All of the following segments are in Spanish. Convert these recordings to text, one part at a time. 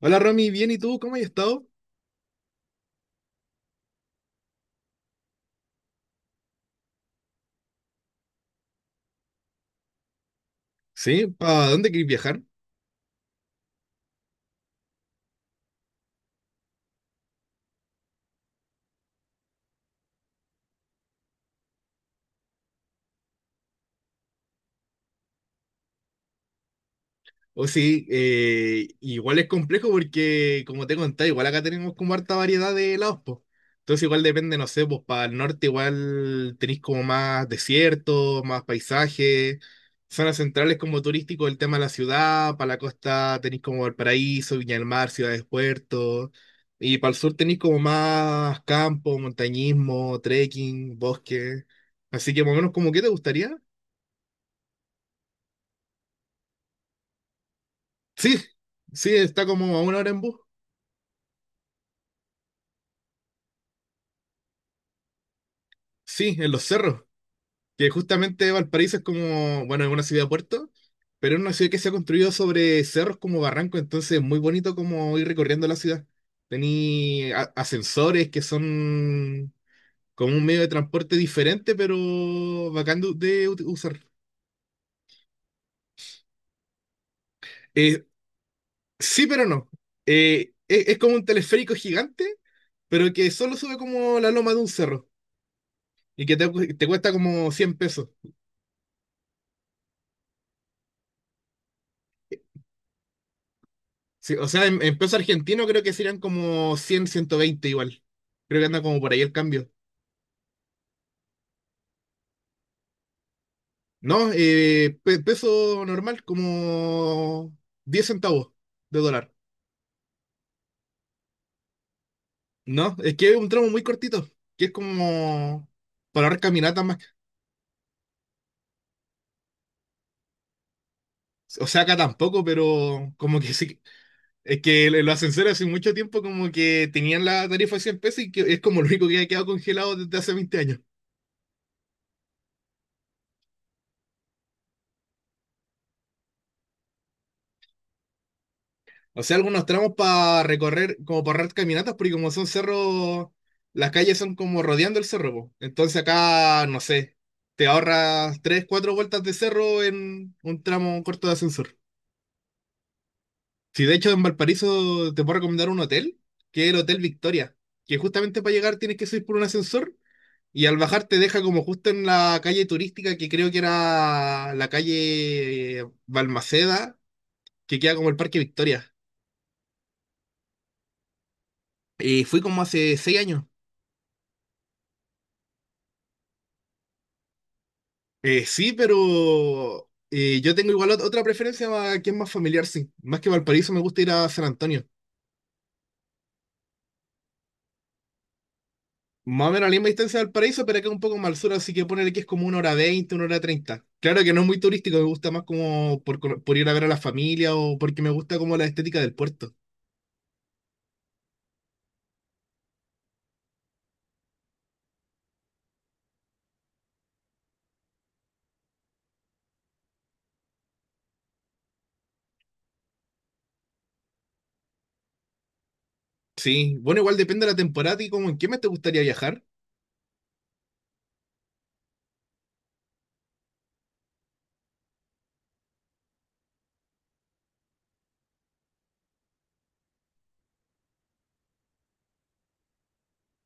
Hola Romy, bien, ¿y tú? ¿Cómo has estado? ¿Sí? ¿Para dónde querés viajar? O sí, igual es complejo porque, como te contaba, igual acá tenemos como harta variedad de lados, pues. Entonces igual depende, no sé, pues para el norte igual tenéis como más desierto, más paisaje, zonas centrales como turístico, el tema de la ciudad, para la costa tenéis como Valparaíso, Viña del Mar, ciudades, puertos, y para el sur tenéis como más campo, montañismo, trekking, bosque. Así que más o menos como qué te gustaría. Sí, sí, está como a una hora en bus. Sí, en los cerros. Que justamente Valparaíso es como, bueno, es una ciudad puerto, pero es una ciudad que se ha construido sobre cerros como barranco, entonces es muy bonito como ir recorriendo la ciudad. Ascensores que son como un medio de transporte diferente, pero bacán de usar. Eh, sí, pero no. Es como un teleférico gigante, pero que solo sube como la loma de un cerro y que te cuesta como 100 pesos. Sí, o sea, en peso argentino creo que serían como cien ciento veinte igual. Creo que anda como por ahí el cambio. No, peso normal, como 10 centavos de dólar. No, es que es un tramo muy cortito, que es como para dar caminatas más. O sea, acá tampoco, pero como que sí. Es que el ascensor hace mucho tiempo como que tenían la tarifa de 100 pesos y que es como lo único que ha quedado congelado desde hace 20 años. O sea, algunos tramos para recorrer, como para hacer caminatas, porque como son cerros, las calles son como rodeando el cerro, po. Entonces acá, no sé, te ahorras tres, cuatro vueltas de cerro en un tramo corto de ascensor. Si de hecho en Valparaíso te puedo recomendar un hotel, que es el Hotel Victoria, que justamente para llegar tienes que subir por un ascensor y al bajar te deja como justo en la calle turística que creo que era la calle Balmaceda, que queda como el Parque Victoria. Y fui como hace seis años. Sí, pero yo tengo igual otra preferencia más- que es más familiar, sí. Más que Valparaíso, me gusta ir a San Antonio. Más o menos a la misma distancia de Valparaíso, pero acá un poco más al sur, así que ponerle que es como una hora veinte, una hora treinta. Claro que no es muy turístico, me gusta más como por, por ir a ver a la familia o porque me gusta como la estética del puerto. Sí, bueno, igual depende de la temporada y como en qué mes te gustaría viajar.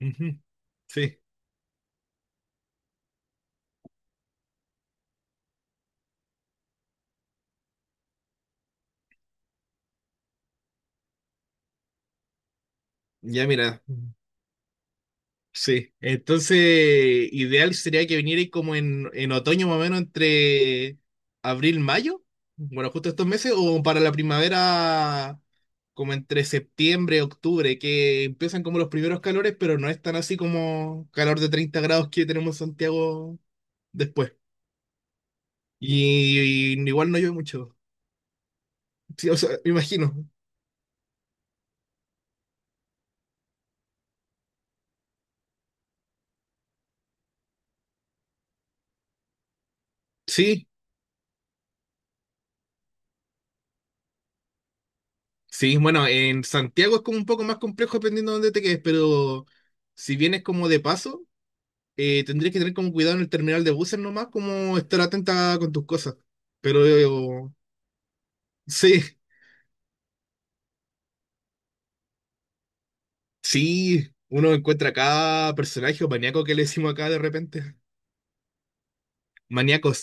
Ujú. Sí, ya mira. Sí, entonces ideal sería que viniera como en otoño más o menos entre abril, mayo, bueno, justo estos meses, o para la primavera como entre septiembre, octubre, que empiezan como los primeros calores, pero no es tan así como calor de 30 grados que tenemos en Santiago después. Y igual no llueve mucho, sí, o sea, me imagino. Sí, sí, bueno, en Santiago es como un poco más complejo dependiendo de dónde te quedes, pero si vienes como de paso tendrías que tener como cuidado en el terminal de buses nomás, como estar atenta con tus cosas. Pero sí, sí, uno encuentra cada personaje o maníaco que le decimos acá de repente. Maníacos,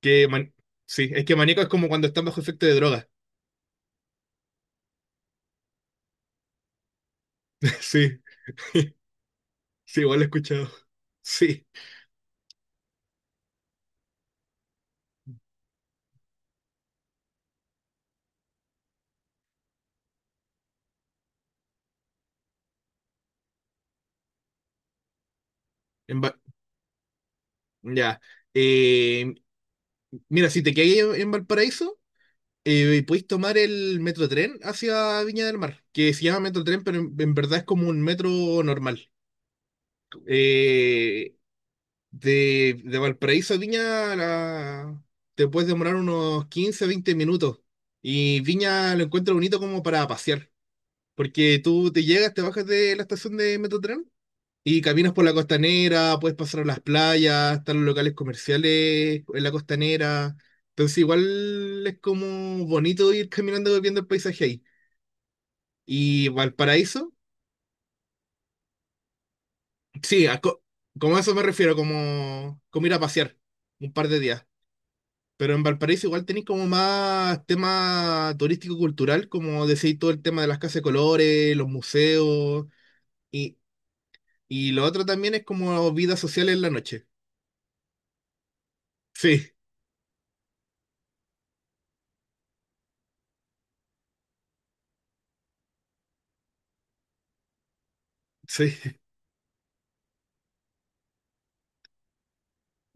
que man- sí, es que maníaco es como cuando están bajo efecto de droga. Sí, sí, igual lo he escuchado. Sí, en Va- ya. Eh, Mira, si te quedas en Valparaíso, podéis tomar el metro tren hacia Viña del Mar, que se llama metro tren, pero en verdad es como un metro normal. Eh, de Valparaíso a Viña te puedes demorar unos 15 20 minutos. Y Viña lo encuentro bonito como para pasear. Porque tú te llegas, te bajas de la estación de Metrotren y caminas por la costanera, puedes pasar a las playas, están los locales comerciales en la costanera. Entonces igual es como bonito ir caminando viendo el paisaje ahí. Y Valparaíso, sí, como a eso me refiero, como ir a pasear un par de días. Pero en Valparaíso igual tenéis como más tema turístico-cultural, como decís todo el tema de las casas de colores, los museos, y, y lo otro también es como vida social en la noche. Sí, sí.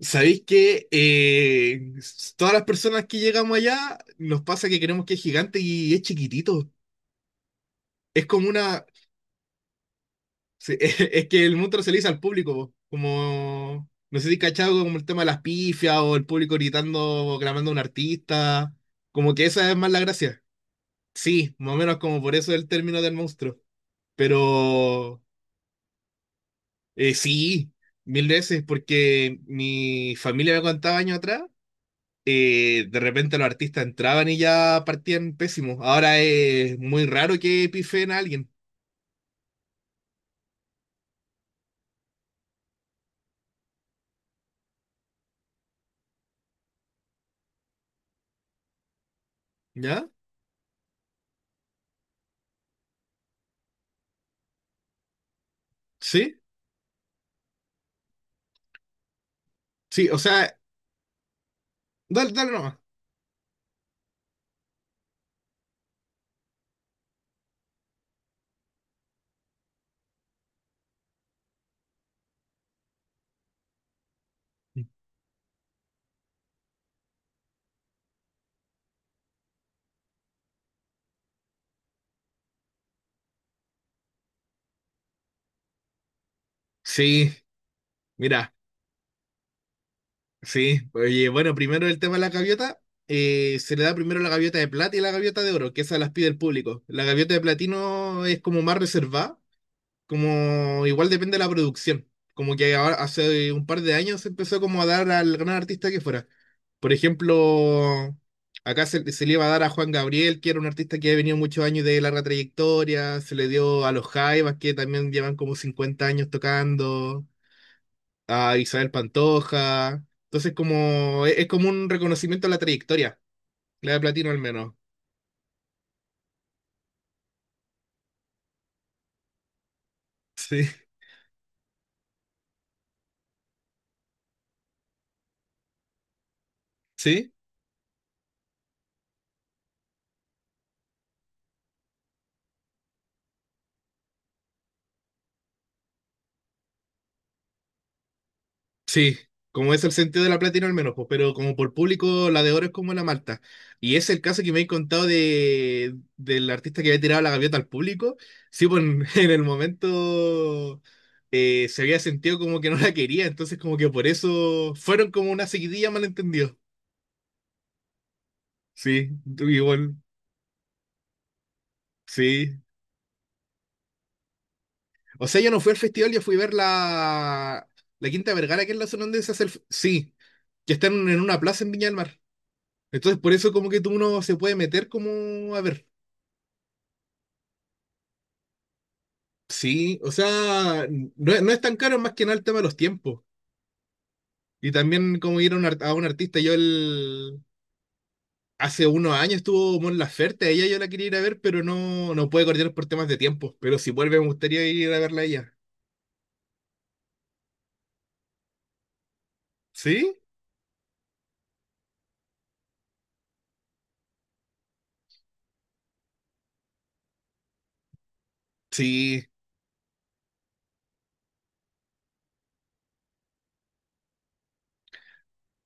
Sabéis que todas las personas que llegamos allá nos pasa que creemos que es gigante y es chiquitito. Es como una, Sí, es que el monstruo se le hizo al público, po. Como, no sé si cachado como el tema de las pifias o el público gritando, o clamando a un artista, como que esa es más la gracia. Sí, más o menos como por eso el término del monstruo, pero sí, mil veces, porque mi familia me contaba años atrás, de repente los artistas entraban y ya partían pésimos. Ahora es muy raro que pifen a alguien, ¿ya? Sí, sí, o sea, dale, dale nomás. Sí, mira. Sí, oye, bueno, primero el tema de la gaviota. Se le da primero la gaviota de plata y la gaviota de oro, que esas las pide el público. La gaviota de platino es como más reservada, como igual depende de la producción. Como que ahora, hace un par de años se empezó como a dar al gran artista que fuera. Por ejemplo, acá se le iba a dar a Juan Gabriel, que era un artista que ha venido muchos años de larga trayectoria, se le dio a los Jaivas, que también llevan como 50 años tocando a Isabel Pantoja. Entonces, como es como un reconocimiento a la trayectoria, la de Platino al menos. Sí, sí. Sí, como es el sentido de la Platino al menos, pues, pero como por público, la de oro es como la Malta. Y es el caso que me he contado de, del artista que había tirado la gaviota al público. Sí, pues en, en el momento se había sentido como que no la quería, entonces como que por eso fueron como una seguidilla malentendido. Sí, igual, sí. O sea, yo no fui al festival, yo fui a ver la Quinta Vergara, que es la zona donde se hace Sí, que están en una plaza en Viña del Mar. Entonces, por eso como que tú uno se puede meter como, a ver, sí, o sea, no, es no es tan caro más que nada el tema de los tiempos. Y también como ir a un artista, Hace unos años estuvo Mon Laferte, a ella yo la quería ir a ver, pero no, no puede coordinar por temas de tiempo. Pero si vuelve me gustaría ir a verla a ella. ¿Sí? Sí,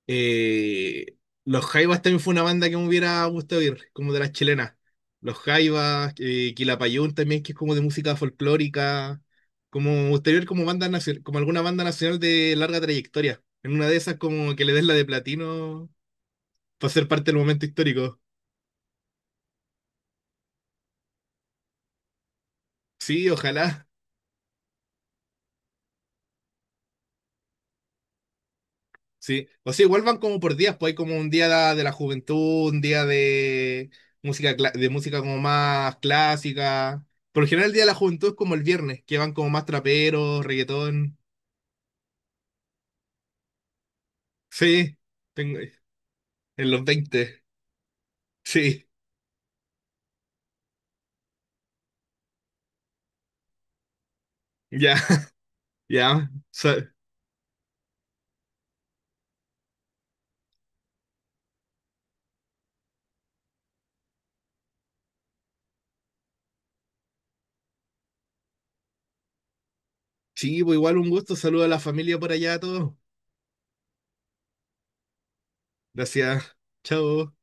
Eh, los Jaivas también fue una banda que me hubiera gustado ir, como de las chilenas. Los Jaivas, Quilapayún también, que es como de música folclórica. Como me gustaría ir como banda como alguna banda nacional de larga trayectoria. En una de esas como que le des la de platino para ser parte del momento histórico. Sí, ojalá. Sí, o sea, igual van como por días, pues hay como un día de la juventud, un día de música, de música como más clásica. Por lo general el día de la juventud es como el viernes, que van como más traperos, reggaetón. Sí, tengo en los 20. Sí, ya, ya. Sí, pues igual un gusto, saludo a la familia por allá a todos. Gracias, chao.